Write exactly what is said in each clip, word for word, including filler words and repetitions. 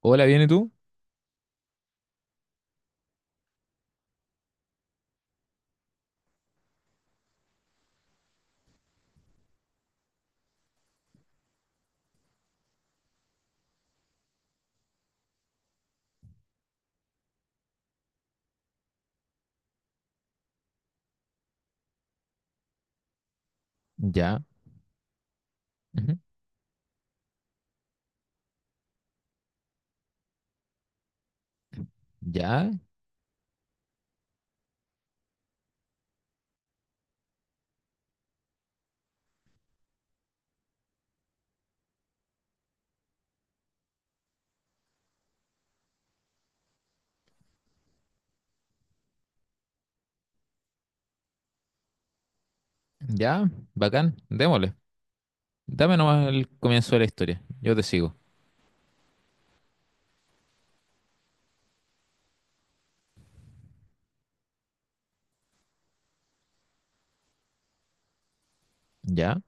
Hola, ¿viene tú? Ya, ujú, ya, ya. Bacán, démosle. Dame nomás el comienzo de la historia. Yo te sigo. Ya.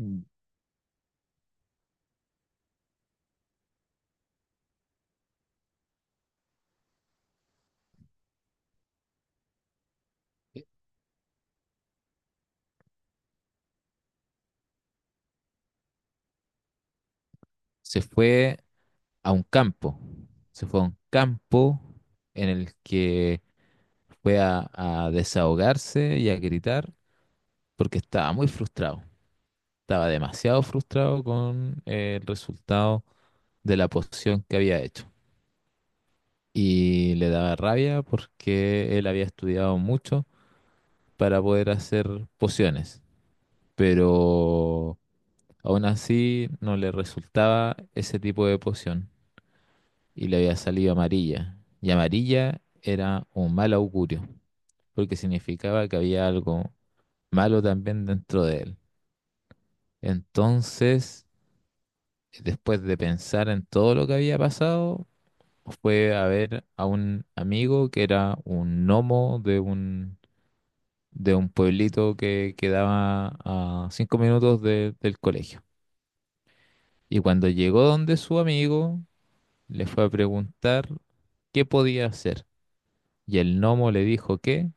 Mm. Se fue a un campo. Se fue a un campo en el que fue a a desahogarse y a gritar porque estaba muy frustrado. Estaba demasiado frustrado con el resultado de la posición que había hecho. Y le daba rabia porque él había estudiado mucho para poder hacer pociones, pero aún así no le resultaba ese tipo de poción y le había salido amarilla. Y amarilla era un mal augurio, porque significaba que había algo malo también dentro de él. Entonces, después de pensar en todo lo que había pasado, fue a ver a un amigo que era un gnomo de un, de un pueblito que quedaba a cinco minutos de- del colegio. Y cuando llegó donde su amigo, le fue a preguntar qué podía hacer. Y el gnomo le dijo que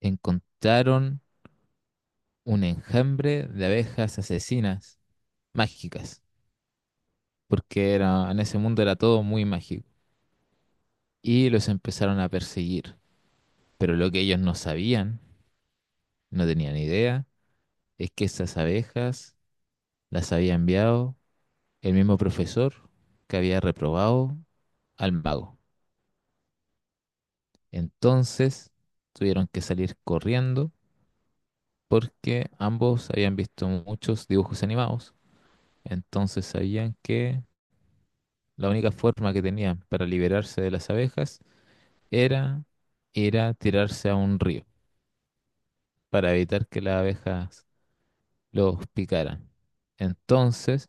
encontraron un enjambre de abejas asesinas mágicas, porque era, en ese mundo era todo muy mágico. Y los empezaron a perseguir. Pero lo que ellos no sabían, no tenían idea, es que esas abejas las había enviado el mismo profesor que había reprobado al mago. Entonces tuvieron que salir corriendo porque ambos habían visto muchos dibujos animados, entonces sabían que la única forma que tenían para liberarse de las abejas era ir a tirarse a un río para evitar que las abejas los picaran. Entonces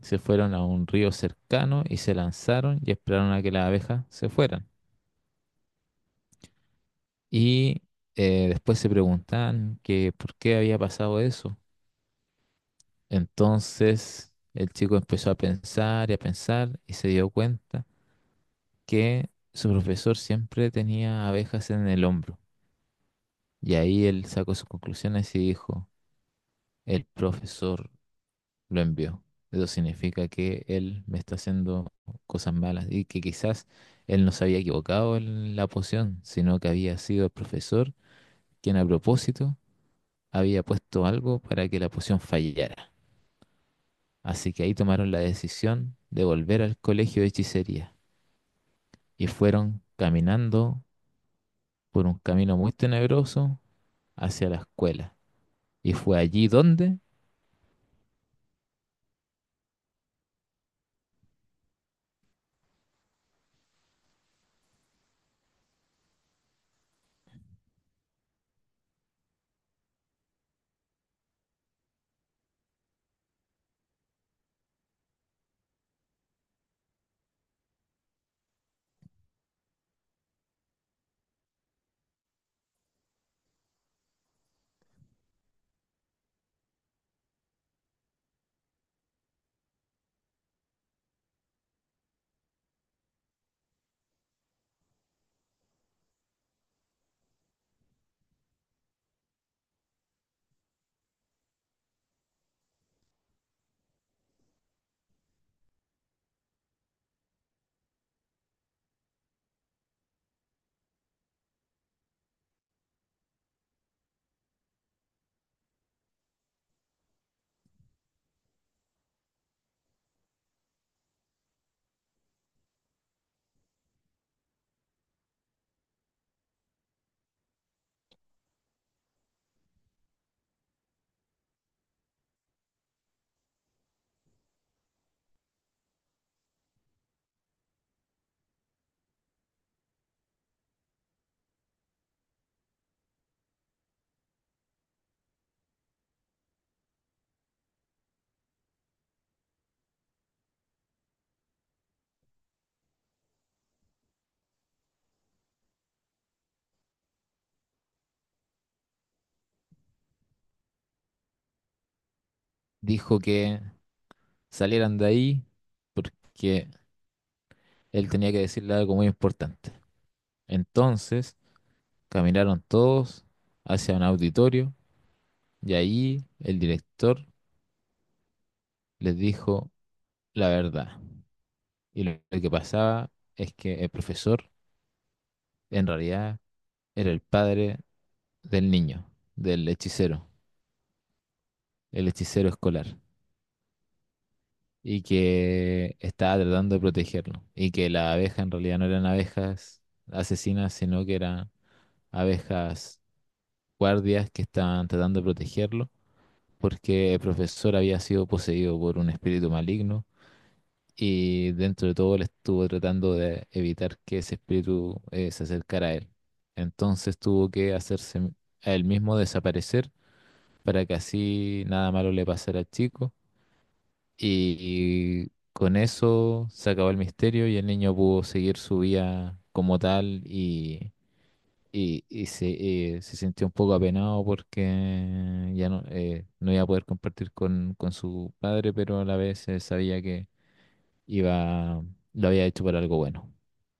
se fueron a un río cercano y se lanzaron y esperaron a que las abejas se fueran. Y eh, después se preguntaban que por qué había pasado eso. Entonces el chico empezó a pensar y a pensar y se dio cuenta que su profesor siempre tenía abejas en el hombro. Y ahí él sacó sus conclusiones y dijo, el profesor lo envió. Eso significa que él me está haciendo cosas malas y que quizás él no se había equivocado en la poción, sino que había sido el profesor quien a propósito había puesto algo para que la poción fallara. Así que ahí tomaron la decisión de volver al colegio de hechicería y fueron caminando por un camino muy tenebroso hacia la escuela. Y fue allí donde dijo que salieran de ahí porque él tenía que decirle algo muy importante. Entonces caminaron todos hacia un auditorio y ahí el director les dijo la verdad. Y lo lo que pasaba es que el profesor en realidad era el padre del niño, del hechicero, el hechicero escolar, y que estaba tratando de protegerlo, y que las abejas en realidad no eran abejas asesinas, sino que eran abejas guardias que estaban tratando de protegerlo, porque el profesor había sido poseído por un espíritu maligno, y dentro de todo él estuvo tratando de evitar que ese espíritu eh, se acercara a él. Entonces tuvo que hacerse a él mismo desaparecer para que así nada malo le pasara al chico. Y con eso se acabó el misterio y el niño pudo seguir su vida como tal y, y- y se, eh, se sintió un poco apenado porque ya no, eh, no iba a poder compartir con, con su padre, pero a la vez eh, sabía que iba, lo había hecho por algo bueno.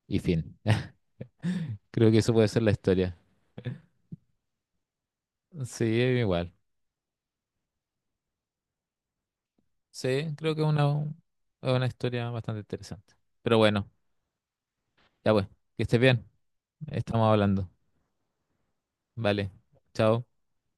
Y fin. Creo que eso puede ser la historia. Sí, igual. Sí, creo que es una, es una historia bastante interesante. Pero bueno, ya pues, que estés bien. Estamos hablando. Vale, chao.